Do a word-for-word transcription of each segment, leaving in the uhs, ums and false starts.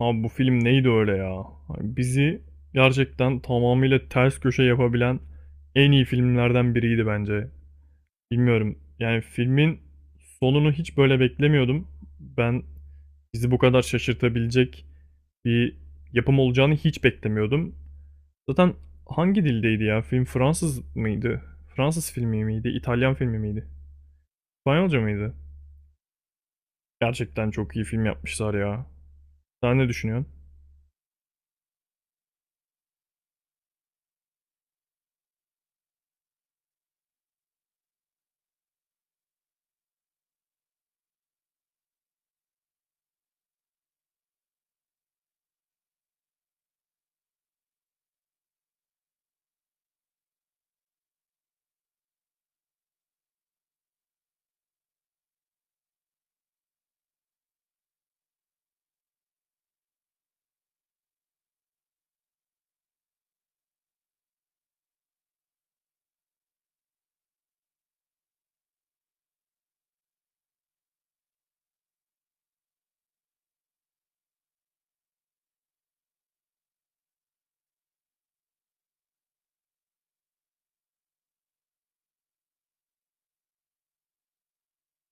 Abi bu film neydi öyle ya? Hani bizi gerçekten tamamıyla ters köşe yapabilen en iyi filmlerden biriydi bence. Bilmiyorum. Yani filmin sonunu hiç böyle beklemiyordum. Ben bizi bu kadar şaşırtabilecek bir yapım olacağını hiç beklemiyordum. Zaten hangi dildeydi ya? Film Fransız mıydı? Fransız filmi miydi? İtalyan filmi miydi? İspanyolca mıydı? Gerçekten çok iyi film yapmışlar ya. Sen ne düşünüyorsun?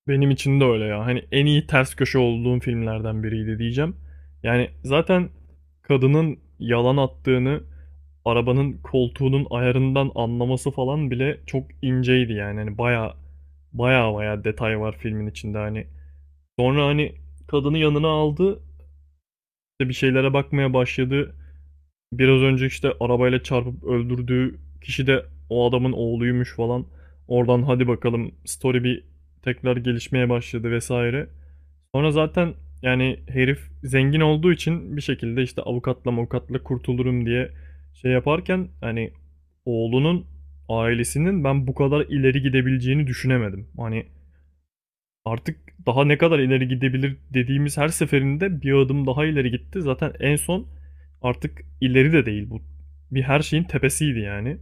Benim için de öyle ya. Hani en iyi ters köşe olduğum filmlerden biriydi diyeceğim. Yani zaten kadının yalan attığını arabanın koltuğunun ayarından anlaması falan bile çok inceydi yani. Hani baya baya baya detay var filmin içinde hani. Sonra hani kadını yanına aldı, işte bir şeylere bakmaya başladı. Biraz önce işte arabayla çarpıp öldürdüğü kişi de o adamın oğluymuş falan. Oradan hadi bakalım story bir tekrar gelişmeye başladı vesaire. Sonra zaten yani herif zengin olduğu için bir şekilde işte avukatla avukatla kurtulurum diye şey yaparken hani oğlunun ailesinin ben bu kadar ileri gidebileceğini düşünemedim. Hani artık daha ne kadar ileri gidebilir dediğimiz her seferinde bir adım daha ileri gitti. Zaten en son artık ileri de değil bu. Bir her şeyin tepesiydi yani.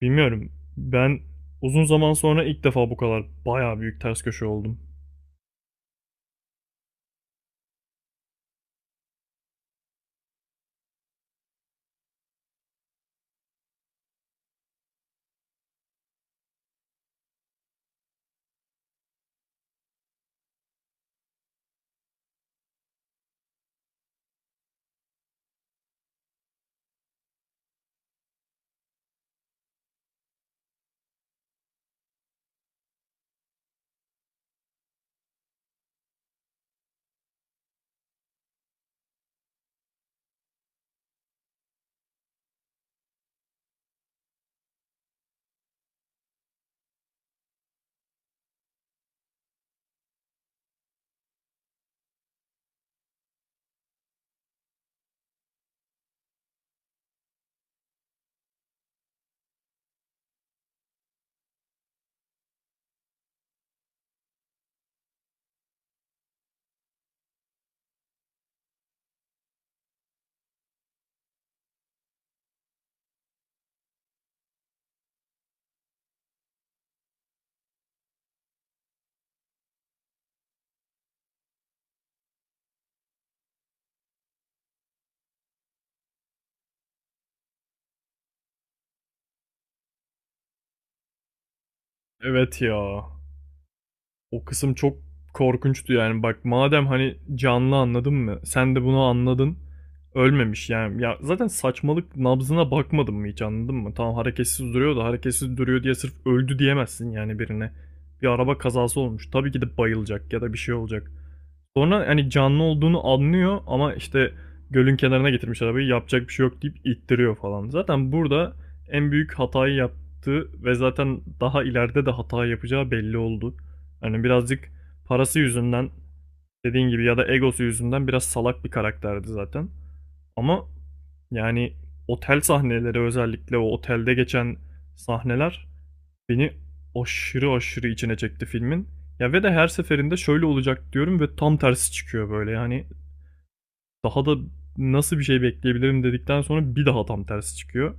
Bilmiyorum. Ben uzun zaman sonra ilk defa bu kadar bayağı büyük ters köşe oldum. Evet ya. O kısım çok korkunçtu yani. Bak madem hani canlı anladın mı? Sen de bunu anladın. Ölmemiş yani. Ya zaten saçmalık, nabzına bakmadın mı hiç, anladın mı? Tamam, hareketsiz duruyor da hareketsiz duruyor diye sırf öldü diyemezsin yani birine. Bir araba kazası olmuş. Tabii ki de bayılacak ya da bir şey olacak. Sonra hani canlı olduğunu anlıyor ama işte gölün kenarına getirmiş arabayı, yapacak bir şey yok deyip ittiriyor falan. Zaten burada en büyük hatayı yaptı ve zaten daha ileride de hata yapacağı belli oldu. Hani birazcık parası yüzünden, dediğin gibi, ya da egosu yüzünden biraz salak bir karakterdi zaten. Ama yani otel sahneleri, özellikle o otelde geçen sahneler, beni aşırı aşırı içine çekti filmin. Ya ve de her seferinde şöyle olacak diyorum ve tam tersi çıkıyor böyle. Yani daha da nasıl bir şey bekleyebilirim dedikten sonra bir daha tam tersi çıkıyor.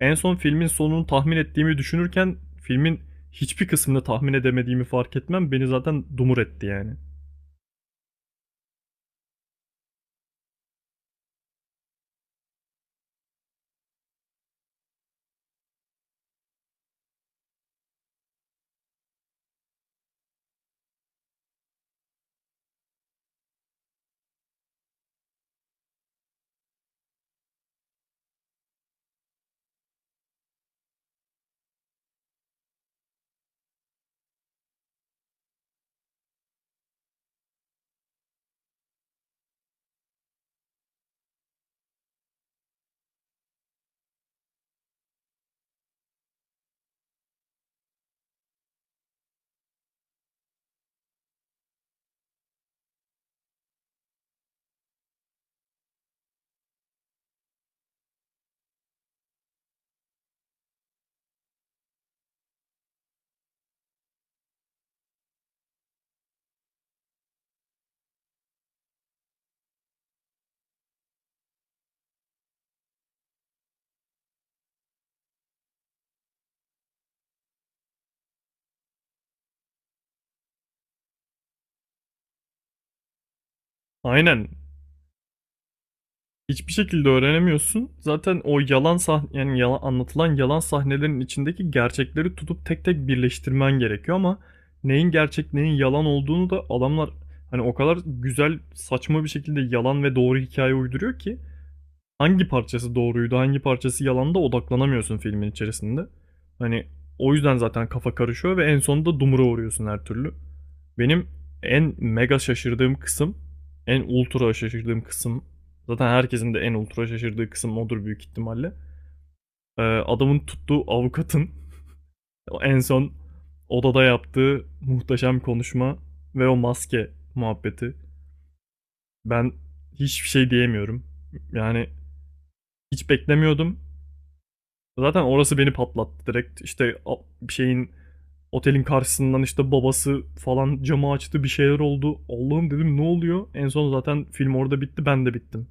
En son filmin sonunu tahmin ettiğimi düşünürken filmin hiçbir kısmını tahmin edemediğimi fark etmem beni zaten dumur etti yani. Aynen. Hiçbir şekilde öğrenemiyorsun. Zaten o yalan sah yani yalan anlatılan yalan sahnelerin içindeki gerçekleri tutup tek tek birleştirmen gerekiyor ama neyin gerçek, neyin yalan olduğunu da adamlar hani o kadar güzel saçma bir şekilde yalan ve doğru hikaye uyduruyor ki hangi parçası doğruydu, hangi parçası yalanda odaklanamıyorsun filmin içerisinde. Hani o yüzden zaten kafa karışıyor ve en sonunda dumura uğruyorsun her türlü. Benim en mega şaşırdığım kısım, en ultra şaşırdığım kısım, zaten herkesin de en ultra şaşırdığı kısım odur büyük ihtimalle. Ee, adamın tuttuğu avukatın en son odada yaptığı muhteşem konuşma ve o maske muhabbeti. Ben hiçbir şey diyemiyorum. Yani hiç beklemiyordum. Zaten orası beni patlattı direkt. İşte bir şeyin, otelin karşısından işte babası falan camı açtı, bir şeyler oldu. Allah'ım dedim, ne oluyor? En son zaten film orada bitti, ben de bittim.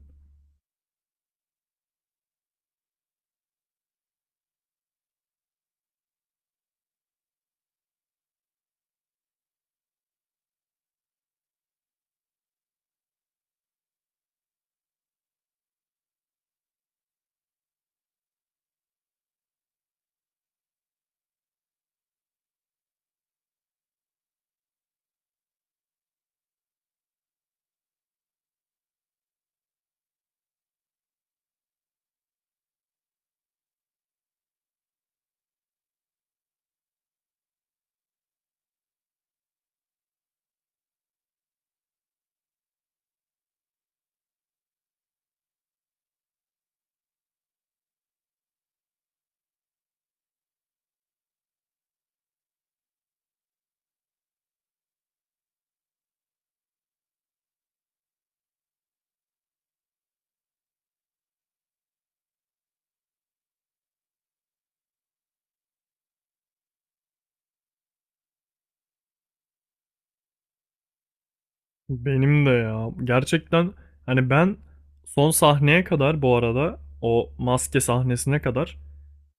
Benim de ya. Gerçekten hani ben son sahneye kadar, bu arada o maske sahnesine kadar,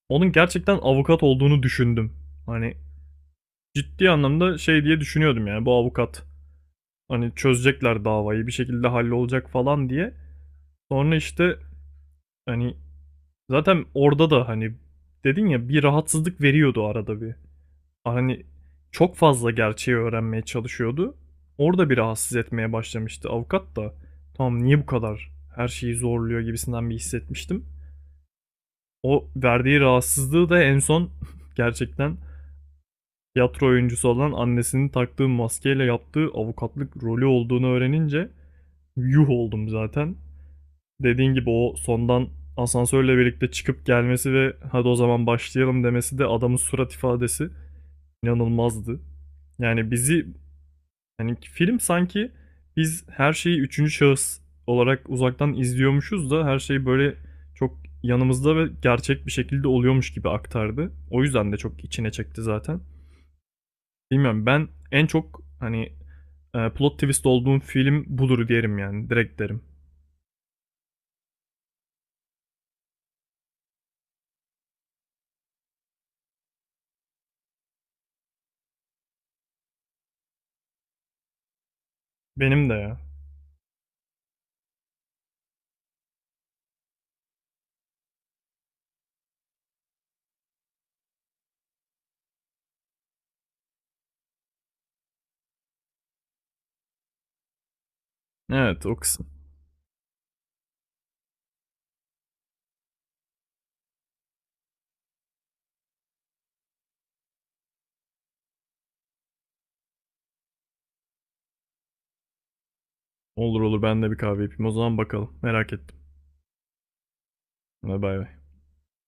onun gerçekten avukat olduğunu düşündüm. Hani ciddi anlamda şey diye düşünüyordum yani, bu avukat hani çözecekler davayı bir şekilde, hallolacak falan diye. Sonra işte hani zaten orada da hani, dedin ya, bir rahatsızlık veriyordu arada bir. Hani çok fazla gerçeği öğrenmeye çalışıyordu. Orada bir rahatsız etmeye başlamıştı avukat da. Tamam, niye bu kadar her şeyi zorluyor gibisinden bir hissetmiştim. O verdiği rahatsızlığı da en son gerçekten tiyatro oyuncusu olan annesinin taktığı maskeyle yaptığı avukatlık rolü olduğunu öğrenince yuh oldum zaten. Dediğin gibi o sondan asansörle birlikte çıkıp gelmesi ve hadi o zaman başlayalım demesi, de adamın surat ifadesi inanılmazdı. Yani bizi, yani film sanki biz her şeyi üçüncü şahıs olarak uzaktan izliyormuşuz da her şey böyle çok yanımızda ve gerçek bir şekilde oluyormuş gibi aktardı. O yüzden de çok içine çekti zaten. Bilmiyorum, ben en çok hani e, plot twist olduğum film budur derim yani, direkt derim. Benim de ya. Evet, o kısım. Olur olur, ben de bir kahve yapayım. O zaman bakalım. Merak ettim. Hadi bay bay.